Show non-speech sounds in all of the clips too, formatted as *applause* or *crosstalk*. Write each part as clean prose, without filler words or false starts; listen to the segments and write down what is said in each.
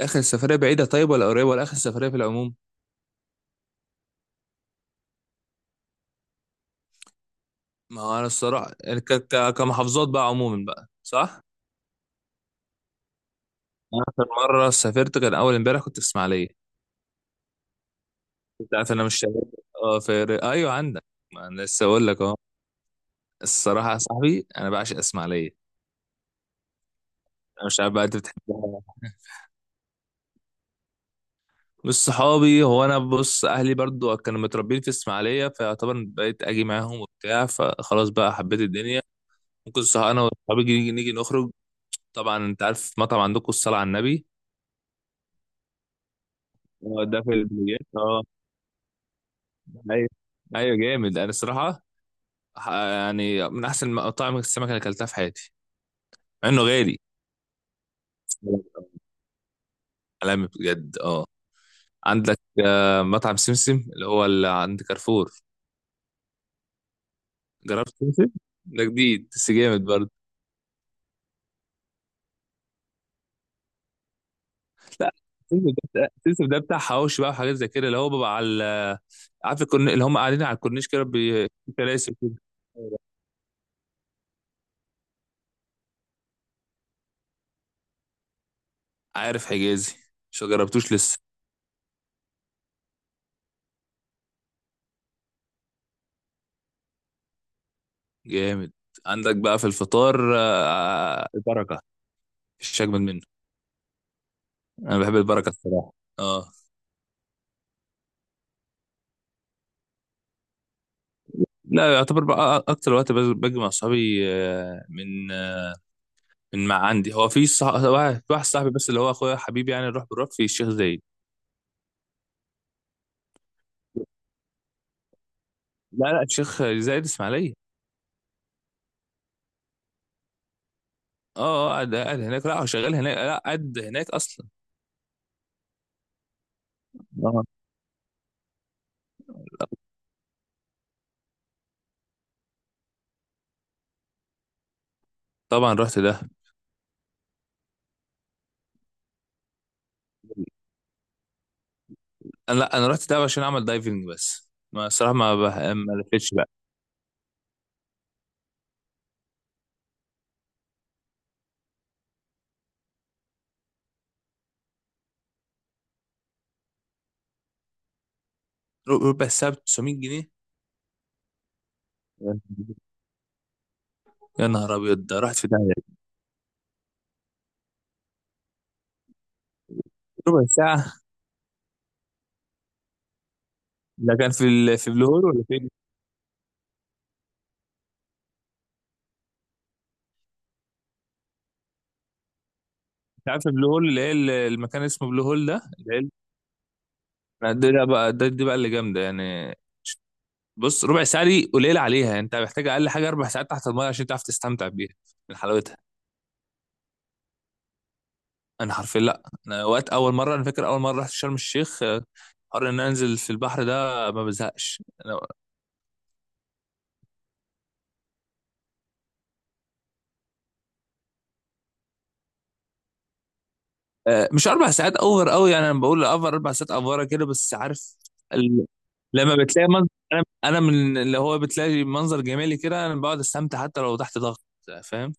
اخر السفريه بعيده، طيب، ولا قريبه، ولا اخر السفريه في العموم؟ ما هو انا الصراحه كمحافظات بقى عموما بقى، صح. أنا اخر مره سافرت كان اول امبارح، كنت في اسماعيليه. انت عارف انا مش شغال. اه، ايوه عندك. ما انا لسه اقول لك اهو. الصراحه يا صاحبي انا بعشق اسماعيليه. انا مش عارف بقى انت بتحبها. بص، صحابي هو انا بص اهلي برضو كانوا متربيين في اسماعيليه، فيعتبر بقيت اجي معاهم وبتاع، فخلاص بقى حبيت الدنيا. ممكن صح انا وصحابي نيجي نخرج. طبعا انت عارف مطعم عندكم الصلاه على النبي؟ اه ده في البلايات، اه. ايوه. ايوه جامد، انا الصراحه يعني من احسن مطاعم السمك اللي اكلتها في حياتي. مع انه غالي. عالمي بجد، اه. عندك مطعم سمسم اللي هو اللي عند كارفور. جربت سمسم؟ ده جديد بس جامد برضه. لا، سمسم سمسم ده بتاع حواوشي بقى وحاجات زي كده، اللي هو بيبقى على عارف اللي هم قاعدين على الكورنيش كده في كراسي كده. عارف حجازي؟ مش جربتوش لسه. جامد. عندك بقى في الفطار البركة. مفيش أجمل منه. أنا بحب البركة الصراحة. اه، لا يعتبر بقى أكتر وقت باجي مع صحابي. من مع عندي هو في واحد صاحبي بس اللي هو أخويا حبيبي، يعني نروح بنروح في الشيخ زايد. لا لا، الشيخ زايد إسماعيلية. اه قاعد هناك، لا هو شغال هناك، لا قاعد هناك أصلا. آه. طبعا رحت ده. أنا لا، أنا رحت ده عشان أعمل دايفنج، بس ما الصراحة ما لفتش بقى. ربع الساعة ب 900 جنيه؟ يا نهار أبيض، ده رحت في ده ربع ساعة؟ ده كان في في بلو هول ولا فين؟ انت عارف بلو هول اللي هي المكان اسمه بلو هول ده اللي هي ال- ده ده بقى ده دي بقى اللي جامدة يعني. بص، ربع ساعة دي قليلة عليها يعني، انت محتاج اقل حاجة 4 ساعات تحت المايه عشان تعرف تستمتع بيها من حلاوتها. انا حرفيا، لا انا وقت اول مرة، انا فاكر اول مرة رحت شرم الشيخ قرر ان أنا انزل في البحر ده. ما بزهقش. مش اربع ساعات، اوفر قوي يعني، انا بقول اوفر اربع ساعات، افوره كده بس عارف ال... لما بتلاقي منظر، انا من اللي هو بتلاقي منظر جمالي كده، انا بقعد استمتع حتى لو تحت ضغط. فاهم.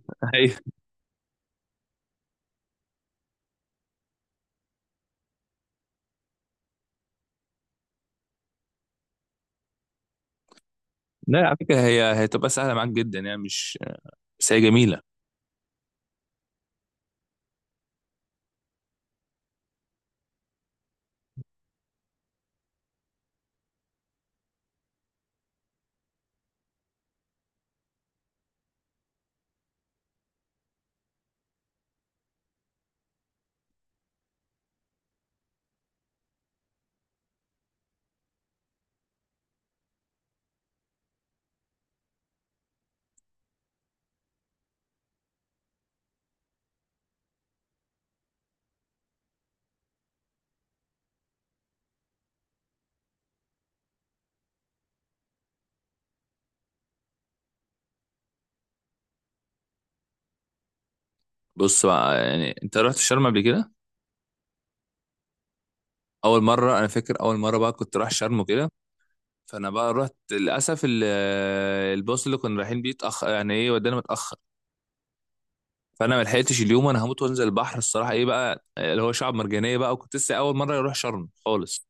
*laughs* ايوه. لا على فكره هي هتبقى سهله معاك جدا يعني، مش بس هي جميله. بص بقى، يعني انت رحت شرم قبل كده؟ اول مره، انا فاكر اول مره بقى كنت رايح شرم وكده، فانا بقى رحت للاسف الباص اللي كنا رايحين بيه اتاخر، يعني ايه، ودانا متاخر. فانا ما لحقتش اليوم، انا هموت وانزل البحر الصراحه ايه بقى اللي هو شعب مرجانيه بقى، وكنت لسه اول مره اروح شرم خالص.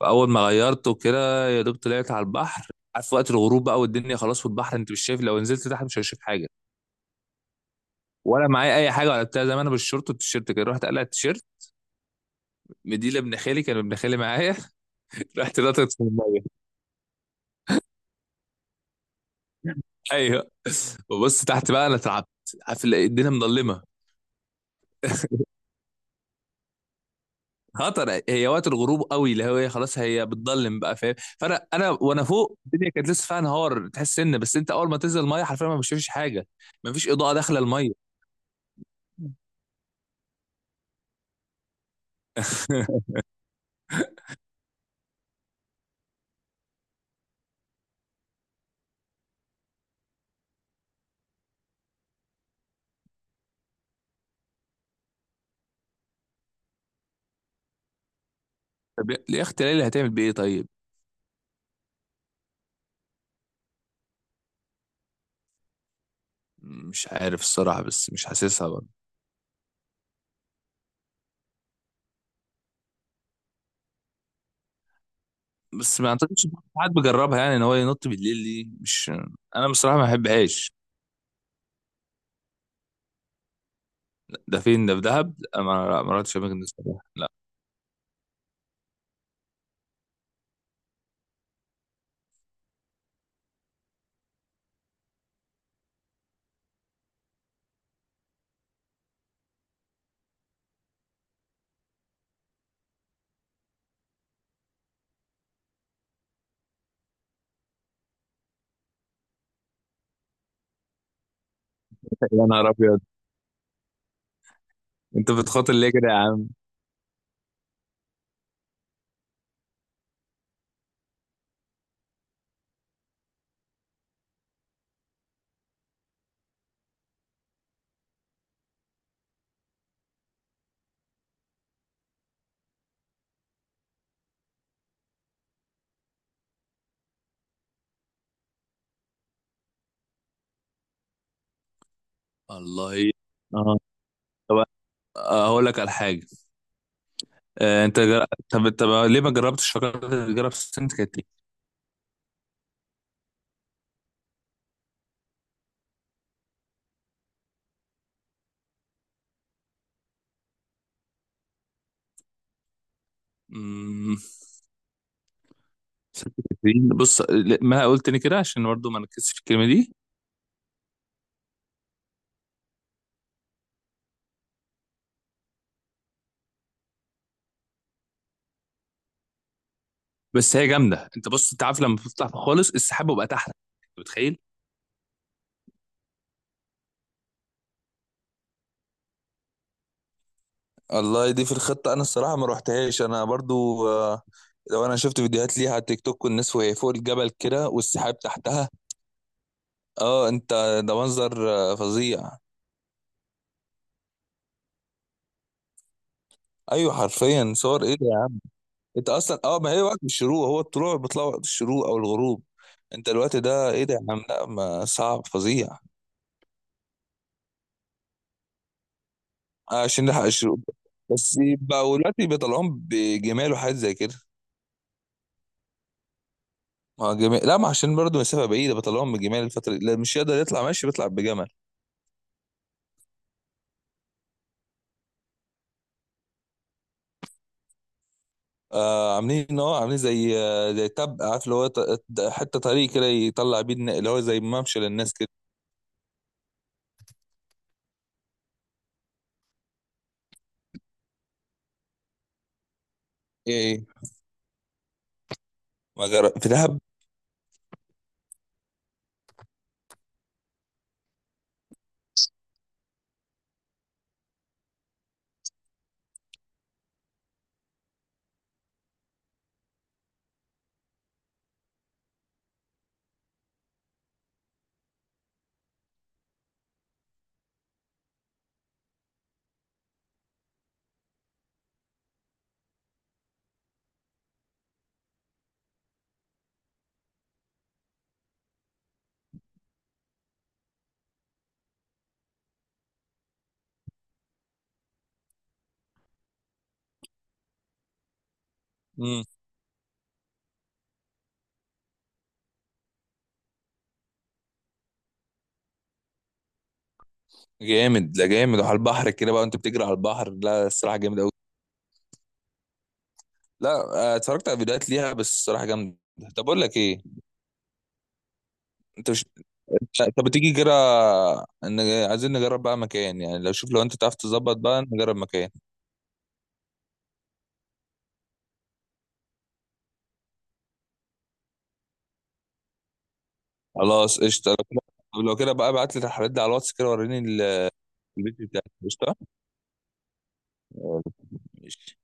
فاول ما غيرت وكده يا دوب طلعت على البحر. عارف وقت الغروب بقى، والدنيا خلاص في البحر انت مش شايف، لو نزلت تحت مش هشوف حاجه. ولا معايا اي حاجه ولا بتاع، زي ما انا بالشورت والتيشيرت كده، رحت قلع التيشيرت مديله ابن خالي، كان ابن خالي معايا. *laughs* رحت نطت في الميه. ايوه. وبص تحت بقى انا اترعبت. عارف الدنيا مظلمه. خطر، هي وقت الغروب قوي اللي هو خلاص هي بتضلم بقى فاهم، فانا انا وانا فوق الدنيا كانت لسه فيها نهار تحس سن، بس انت اول ما تنزل الميه حرفيا ما بتشوفش حاجه. ما فيش اضاءه داخله الميه. *laughs* طب يا اختي ليلى هتعمل بايه طيب؟ مش عارف الصراحه، بس مش حاسسها برضه. بس ما اعتقدش إن حد بيجربها يعني، ان هو ينط بالليل دي مش، انا بصراحه ما بحبهاش. ده فين؟ ده في دهب؟ لا ما ما رحتش اماكن دي الصراحه، لا. *laughs* يا نهار ابيض. انت بتخاطر ليه كده يا عم؟ والله. اه. طب، هقول لك على حاجه. آه، انت جر... طب طب ليه ما جربتش فكرت تجرب سانت كاترين؟ أمم، سانت كاترين؟ بص ما قلت تاني كده عشان برضه ما نركزش في الكلمه دي. بس هي جامده انت، بص انت عارف لما بتطلع خالص السحاب بيبقى تحت، انت متخيل؟ الله، دي في الخطة؟ أنا الصراحة ما روحتهاش أنا برضو، لو أنا شفت فيديوهات ليها على التيك توك والناس وهي فوق الجبل كده والسحاب تحتها. أه أنت، ده منظر فظيع. أيوة حرفيا، صور، إيه ده! انت اصلا، اه، ما هي وقت الشروق هو الطلوع بيطلع وقت الشروق او الغروب. انت الوقت ده ايه ده يا عم، لا ما صعب فظيع. عشان نلحق الشروق. بس يبقى دلوقتي بيطلعوهم بجمال وحاجات زي كده. ما جمال، لا ما عشان برضه مسافه بعيده بيطلعوهم بجمال الفتره دي، لا مش يقدر يطلع ماشي، بيطلع بجمل. آه عاملين، ان هو عاملين زي، آه، زي تب عارف اللي هو حته طريق كده يطلع بيه اللي هو زي ممشى للناس كده. ايه ايه؟ ما جرى في دهب؟ امم. جامد، لا جامد وعلى البحر كده بقى، انت بتجري على البحر؟ لا الصراحه جامد قوي. لا. اتفرجت على فيديوهات ليها بس الصراحه جامده. طب اقول لك ايه؟ انت مش، طب تيجي كده ان عايزين نجرب بقى مكان يعني، لو شوف لو انت تعرف تظبط بقى نجرب مكان. خلاص قشطه لو كده. طب لو كده بقى ابعت لي الحاجات دي على الواتس كده وريني الفيديو بتاعك، قشطه. ماشي.